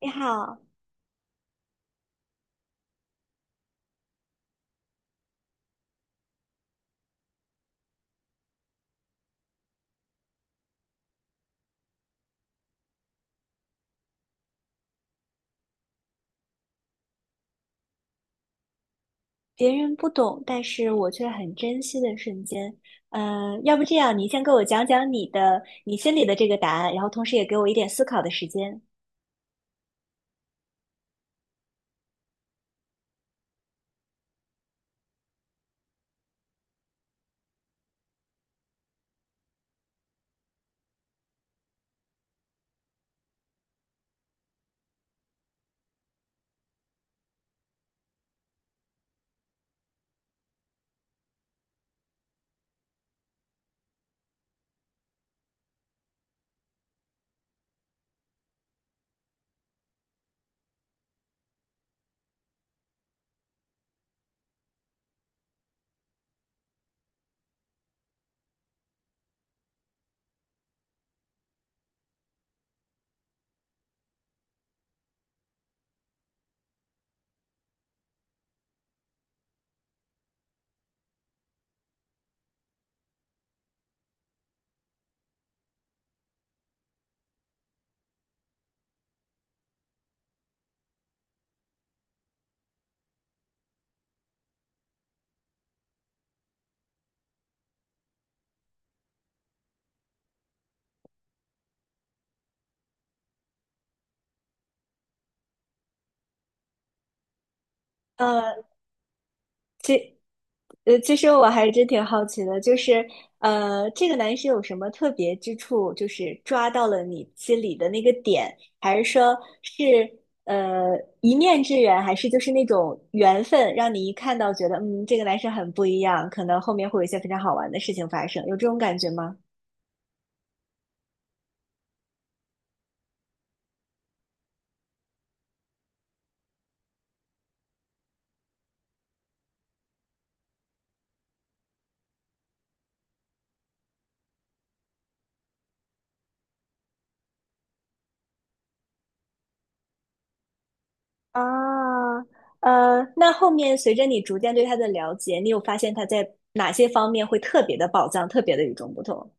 你好，别人不懂，但是我却很珍惜的瞬间。要不这样，你先给我讲讲你心里的这个答案，然后同时也给我一点思考的时间。呃其实我还真挺好奇的，就是这个男生有什么特别之处，就是抓到了你心里的那个点，还是说是呃一面之缘，还是就是那种缘分，让你一看到觉得嗯，这个男生很不一样，可能后面会有一些非常好玩的事情发生，有这种感觉吗？啊，那后面随着你逐渐对他的了解，你有发现他在哪些方面会特别的宝藏，特别的与众不同？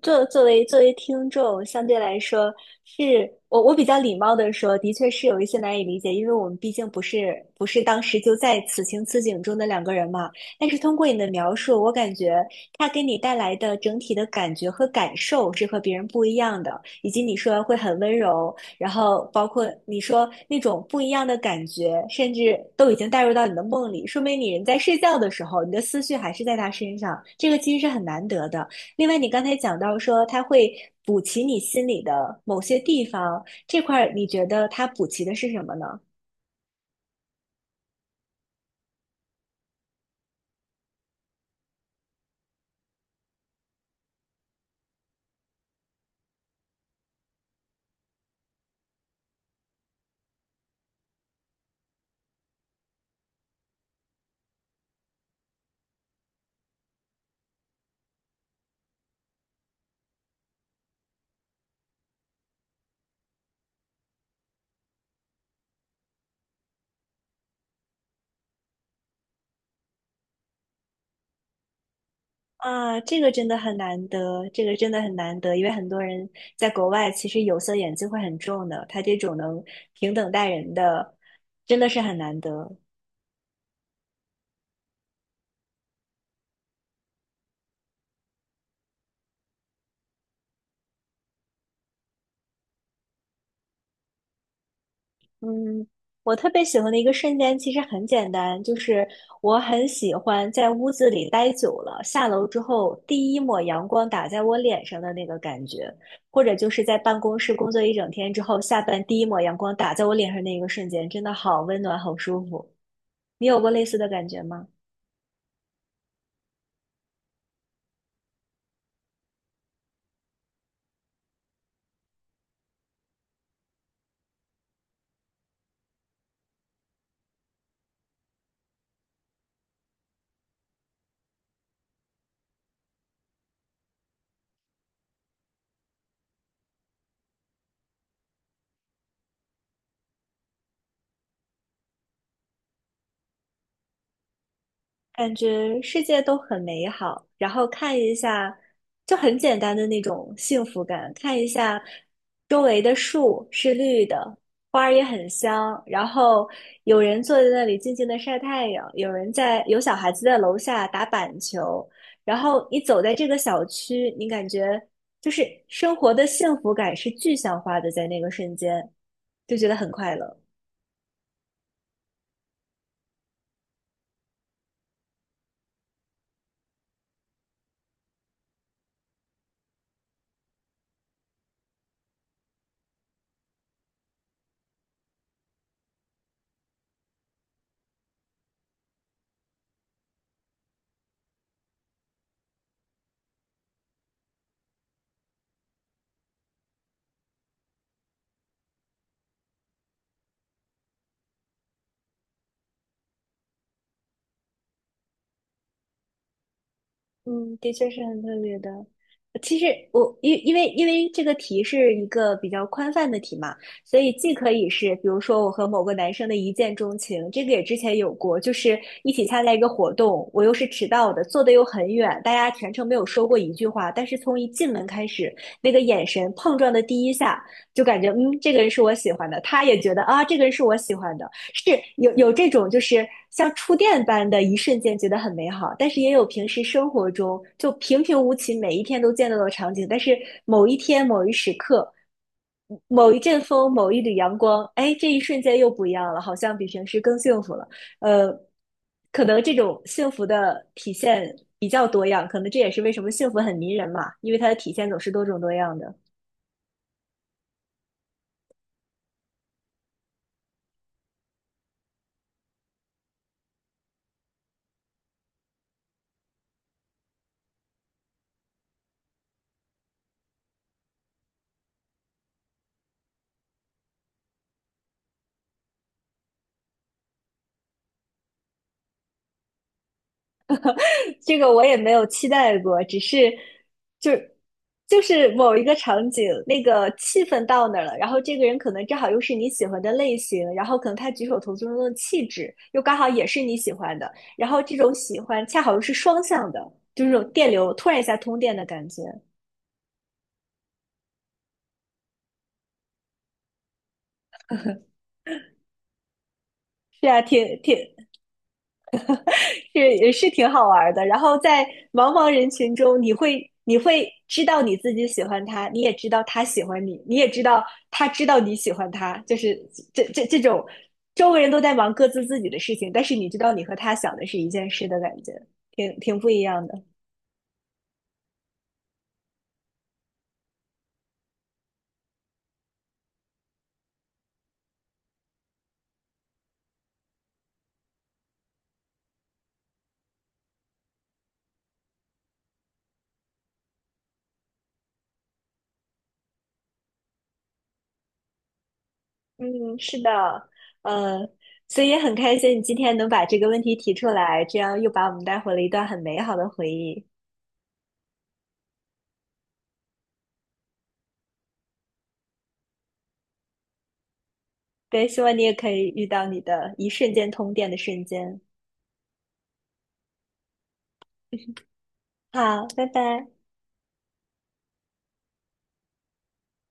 作为听众，相对来说是我比较礼貌的说，的确是有一些难以理解，因为我们毕竟不是当时就在此情此景中的两个人嘛。但是通过你的描述，我感觉他给你带来的整体的感觉和感受是和别人不一样的，以及你说会很温柔，然后包括你说那种不一样的感觉，甚至都已经带入到你的梦里，说明你人在睡觉的时候，你的思绪还是在他身上，这个其实是很难得的。另外，你刚才讲到说它会补齐你心里的某些地方，这块儿你觉得它补齐的是什么呢？啊，这个真的很难得，这个真的很难得，因为很多人在国外其实有色眼镜会很重的，他这种能平等待人的，真的是很难得。嗯，我特别喜欢的一个瞬间其实很简单，就是我很喜欢在屋子里待久了，下楼之后第一抹阳光打在我脸上的那个感觉，或者就是在办公室工作一整天之后，下班第一抹阳光打在我脸上那一个瞬间，真的好温暖，好舒服。你有过类似的感觉吗？感觉世界都很美好，然后看一下，就很简单的那种幸福感，看一下周围的树是绿的，花儿也很香，然后有人坐在那里静静的晒太阳，有人在，有小孩子在楼下打板球，然后你走在这个小区，你感觉就是生活的幸福感是具象化的，在那个瞬间就觉得很快乐。嗯，的确是很特别的。其实我因为这个题是一个比较宽泛的题嘛，所以既可以是比如说我和某个男生的一见钟情，这个也之前有过，就是一起参加一个活动，我又是迟到的，坐的又很远，大家全程没有说过一句话，但是从一进门开始，那个眼神碰撞的第一下，就感觉嗯，这个人是我喜欢的，他也觉得啊，这个人是我喜欢的，是有这种，就是像触电般的一瞬间觉得很美好，但是也有平时生活中就平平无奇，每一天都见到的场景，但是某一天某一时刻，某一阵风，某一缕阳光，哎，这一瞬间又不一样了，好像比平时更幸福了。呃，可能这种幸福的体现比较多样，可能这也是为什么幸福很迷人嘛，因为它的体现总是多种多样的。这个我也没有期待过，只是就就是某一个场景，那个气氛到那儿了，然后这个人可能正好又是你喜欢的类型，然后可能他举手投足中的气质又刚好也是你喜欢的，然后这种喜欢恰好又是双向的，就是这种电流突然一下通电的感觉。是啊，是也是挺好玩的。然后在茫茫人群中，你会知道你自己喜欢他，你也知道他喜欢你，你也知道他知道你喜欢他，就是这种周围人都在忙各自自己的事情，但是你知道你和他想的是一件事的感觉，挺不一样的。嗯，是的，呃，所以也很开心你今天能把这个问题提出来，这样又把我们带回了一段很美好的回忆。对，希望你也可以遇到你的一瞬间通电的瞬间。好，拜拜。